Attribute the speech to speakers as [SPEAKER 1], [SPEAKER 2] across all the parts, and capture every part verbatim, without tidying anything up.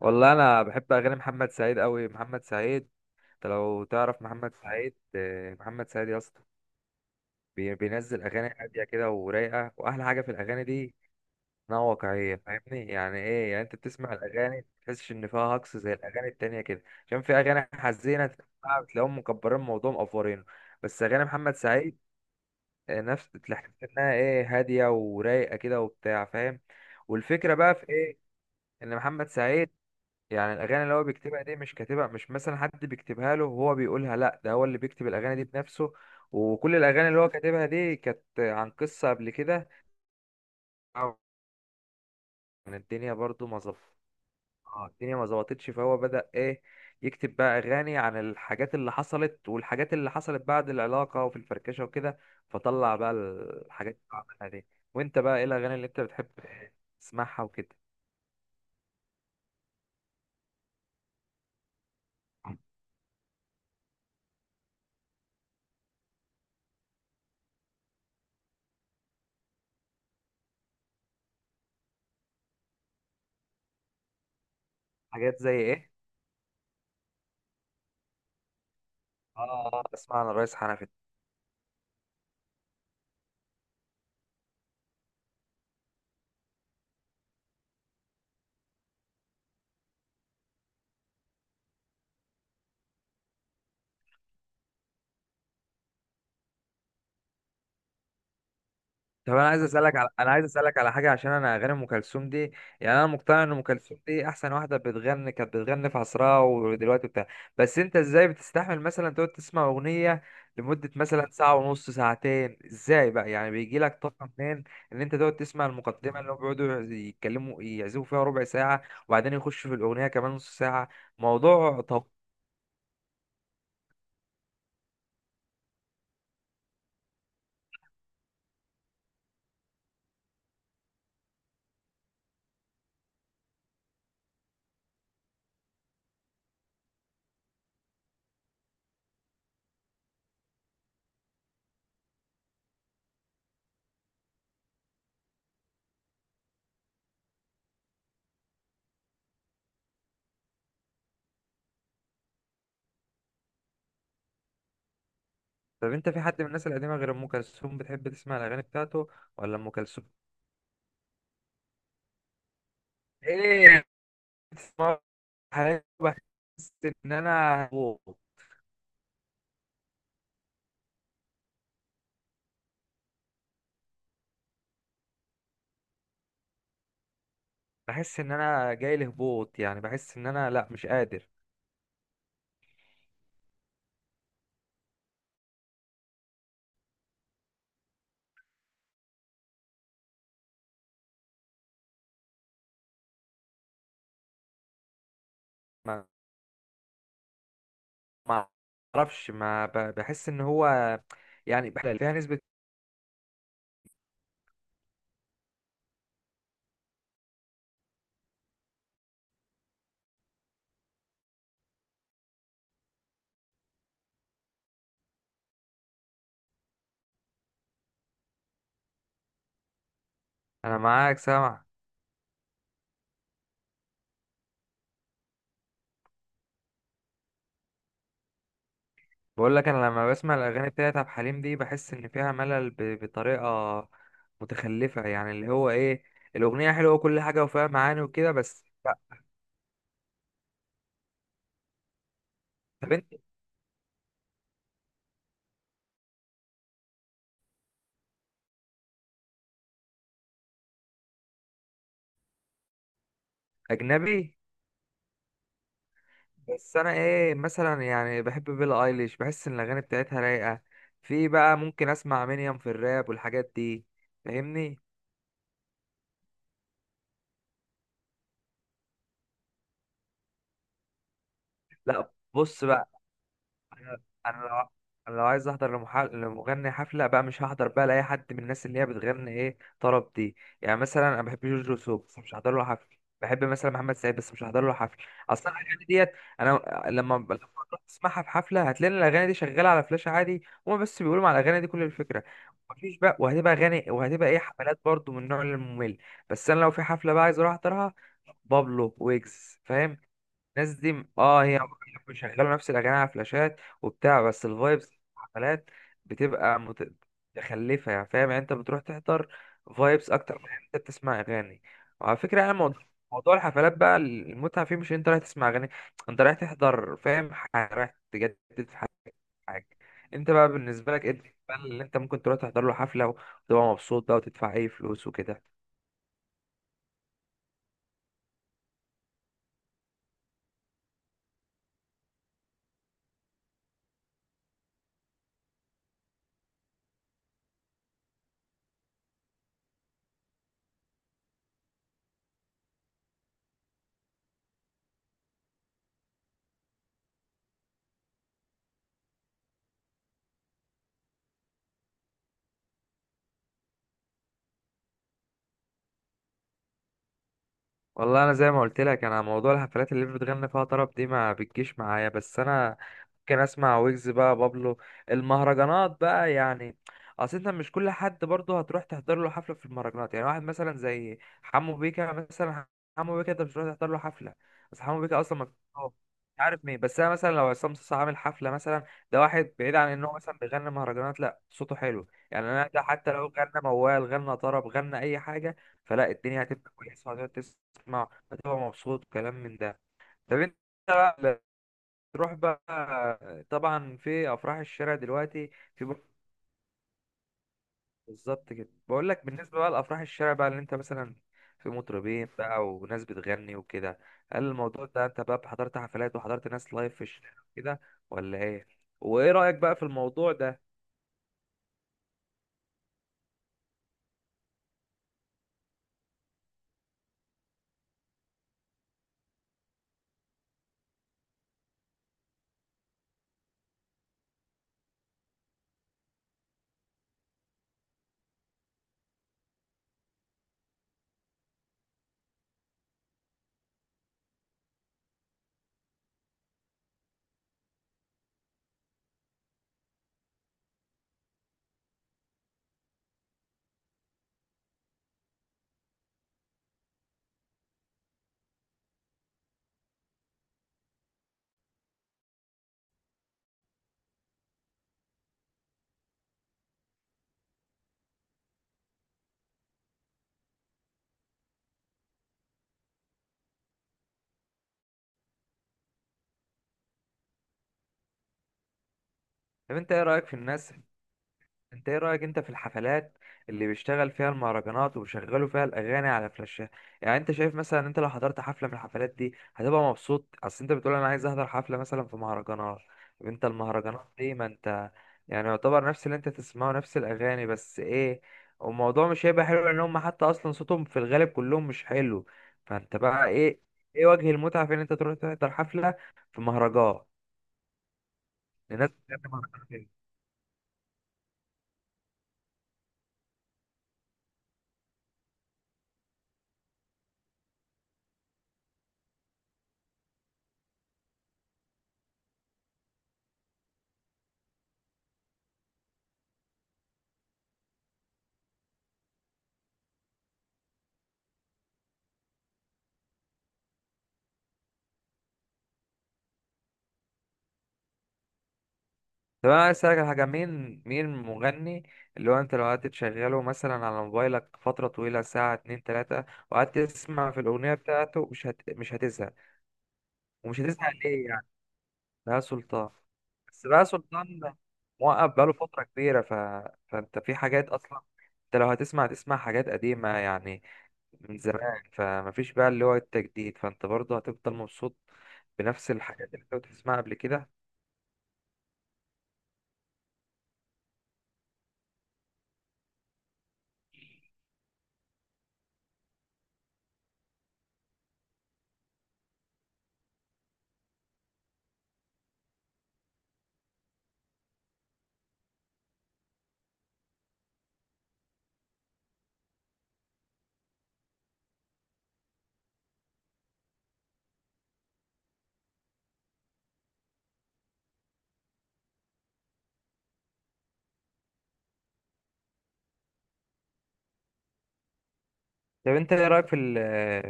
[SPEAKER 1] والله انا بحب اغاني محمد سعيد قوي. محمد سعيد، انت لو تعرف محمد سعيد، آه، محمد سعيد يا اسطى. بي- بينزل اغاني هاديه كده ورايقه. واحلى حاجه في الاغاني دي انها واقعيه، فاهمني؟ يعني ايه؟ يعني انت بتسمع الاغاني تحسش ان فيها هجص زي الاغاني التانية كده، عشان في اغاني حزينه تسمعها بتلاقيهم مكبرين الموضوع مقفورينه. بس اغاني محمد سعيد، آه، نفس تحس انها ايه، هاديه ورايقه كده وبتاع، فاهم. والفكره بقى في ايه؟ ان محمد سعيد يعني الاغاني اللي هو بيكتبها دي مش كاتبها، مش مثلا حد بيكتبها له وهو بيقولها، لا ده هو اللي بيكتب الاغاني دي بنفسه. وكل الاغاني اللي هو كاتبها دي كانت عن قصه قبل كده. أو يعني الدنيا برضو ما ظبط. اه، الدنيا ما ظبطتش، فهو بدأ ايه، يكتب بقى اغاني عن الحاجات اللي حصلت، والحاجات اللي حصلت بعد العلاقه وفي الفركشه وكده، فطلع بقى الحاجات اللي عملها دي. وانت بقى ايه الاغاني اللي انت بتحب تسمعها وكده؟ حاجات زي ايه؟ اه آه، اسمع عن الريس حنفي. طب انا عايز اسالك على، انا عايز اسالك على حاجه، عشان انا اغاني ام كلثوم دي، يعني انا مقتنع ان ام كلثوم دي احسن واحده بتغني، كانت بتغني في عصرها ودلوقتي بتاع. بس انت ازاي بتستحمل مثلا تقعد تسمع اغنيه لمده مثلا ساعه ونص، ساعتين؟ ازاي بقى يعني، بيجي لك طاقه منين ان انت تقعد تسمع المقدمه اللي هم بيقعدوا يتكلموا يعزفوا فيها ربع ساعه، وبعدين يخشوا في الاغنيه كمان نص ساعه؟ موضوع. طب طب انت في حد من الناس القديمه غير ام كلثوم بتحب تسمع الاغاني بتاعته، ولا ام كلثوم؟ ايه حاجة بحس ان انا هبوط بحس ان انا جاي لهبوط، يعني بحس ان انا لا، مش قادر. ما ما اعرفش، ما ب- بحس ان هو يعني، بح- فيها نسبة. انا معاك سامع. بقول لك، انا لما بسمع الاغاني بتاعت عبد الحليم دي بحس ان فيها ملل ب- بطريقة متخلفة، يعني اللي هو ايه، الاغنية حلوة وكل حاجة وفيها معاني وكده، بس لا. طب انت اجنبي؟ بس انا ايه مثلا، يعني بحب بيلي ايليش، بحس ان الاغاني بتاعتها رايقه. في بقى ممكن اسمع منيم في الراب والحاجات دي، فاهمني. لا، بص بقى انا أنا لو أنا لو عايز احضر لمح- لمغني حفله بقى، مش هحضر بقى لاي حد من الناس اللي هي بتغني ايه، طرب دي. يعني مثلا انا بحب جورج وسوف، بس مش هحضر له حفله. بحب مثلا محمد سعيد، بس مش هحضر له حفله. اصلا الاغاني ديت، انا لما لما تروح تسمعها في حفله هتلاقي إن الاغاني دي شغاله على فلاش عادي، هما بس بيقولوا على الاغاني دي، كل الفكره. مفيش بقى، وهتبقى اغاني، وهتبقى ايه، حفلات برضو من النوع الممل. بس انا لو في حفله بقى عايز اروح احضرها، بابلو، ويجز، فاهم، الناس دي اه هي مش شغاله نفس الاغاني على فلاشات وبتاع، بس الفايبس. الحفلات بتبقى مت- متخلفه يعني، فاهم يعني، انت بتروح تحضر فايبس اكتر من إن انت بتسمع اغاني. وعلى فكره يعني، موضوع موضوع الحفلات بقى المتعه فيه مش انت رايح تسمع اغاني، انت رايح تحضر، فاهم، ح- رايح تجدد في حاجه. انت بقى بالنسبه لك ايه اللي انت ممكن تروح تحضر له حفله وتبقى مبسوط بقى، وتدفع اي فلوس وكده؟ والله انا زي ما قلت لك، انا موضوع الحفلات اللي بتغني فيها طرب دي ما بتجيش معايا، بس انا ممكن اسمع ويجز بقى، بابلو. المهرجانات بقى يعني، اصل انت مش كل حد برضه هتروح تحضر له حفله في المهرجانات، يعني واحد مثلا زي حمو بيكا مثلا، حمو بيكا انت مش هتروح تحضر له حفله. بس حمو بيكا اصلا ما بيغنيش، مش عارف مين. بس انا مثلا لو عصام صاصا عامل حفله مثلا، ده واحد بعيد عن ان هو مثلا بيغني مهرجانات، لا، صوته حلو يعني، انا ده حتى لو غنى موال، غنى طرب، غنى اي حاجه، فلا الدنيا هتبقى كويسه، وهتقعد مع، هو مبسوط، وكلام من ده. طب انت بقى تروح بقى طبعا في افراح الشارع دلوقتي، في بر- بالظبط كده، بقول لك، بالنسبه بقى لافراح الشارع بقى، اللي انت مثلا في مطربين بقى وناس بتغني وكده، هل الموضوع ده انت بقى حضرت حفلات وحضرت ناس لايف في الشارع كده، ولا ايه؟ وايه رايك بقى في الموضوع ده؟ طب انت ايه رايك في الناس، انت ايه رأيك انت في الحفلات اللي بيشتغل فيها المهرجانات وبيشغلوا فيها الاغاني على فلاشات؟ يعني انت شايف مثلا، انت لو حضرت حفلة من الحفلات دي هتبقى مبسوط؟ اصل انت بتقول انا عايز احضر حفلة مثلا في مهرجانات. طب انت المهرجانات دي ما انت، يعني يعتبر نفس اللي انت تسمعه نفس الاغاني، بس ايه، والموضوع مش هيبقى حلو، لان هم حتى اصلا صوتهم في الغالب كلهم مش حلو. فانت بقى ايه، ايه وجه المتعة في ان انت تروح تحضر حفلة في مهرجان لناس بتغني مهرجانات؟ طب انا عايز اسالك على حاجه، مين، مين المغني اللي هو انت لو قعدت تشغله مثلا على موبايلك فتره طويله، ساعه، اتنين، تلاته، وقعدت تسمع في الاغنيه بتاعته، مش هت... مش هتزهق؟ ومش هتزهق ليه يعني؟ بقى سلطان. بس بقى سلطان موقف بقاله فتره كبيره، ف... فانت في حاجات اصلا، انت لو هتسمع تسمع حاجات قديمه يعني من زمان، فمفيش بقى اللي هو التجديد، فانت برضه هتفضل مبسوط بنفس الحاجات اللي انت بتسمعها قبل كده. طب انت ايه رايك في ال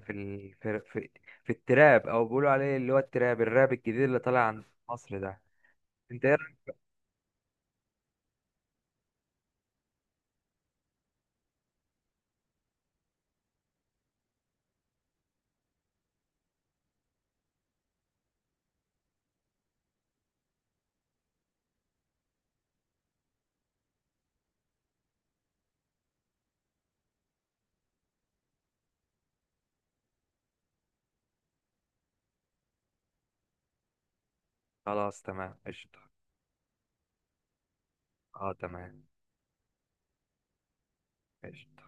[SPEAKER 1] في ال في, في, في التراب او بيقولوا عليه اللي هو التراب، الراب الجديد اللي طالع عند مصر ده؟ انت ايه رايك؟ خلاص تمام قشطه. اه تمام قشطه.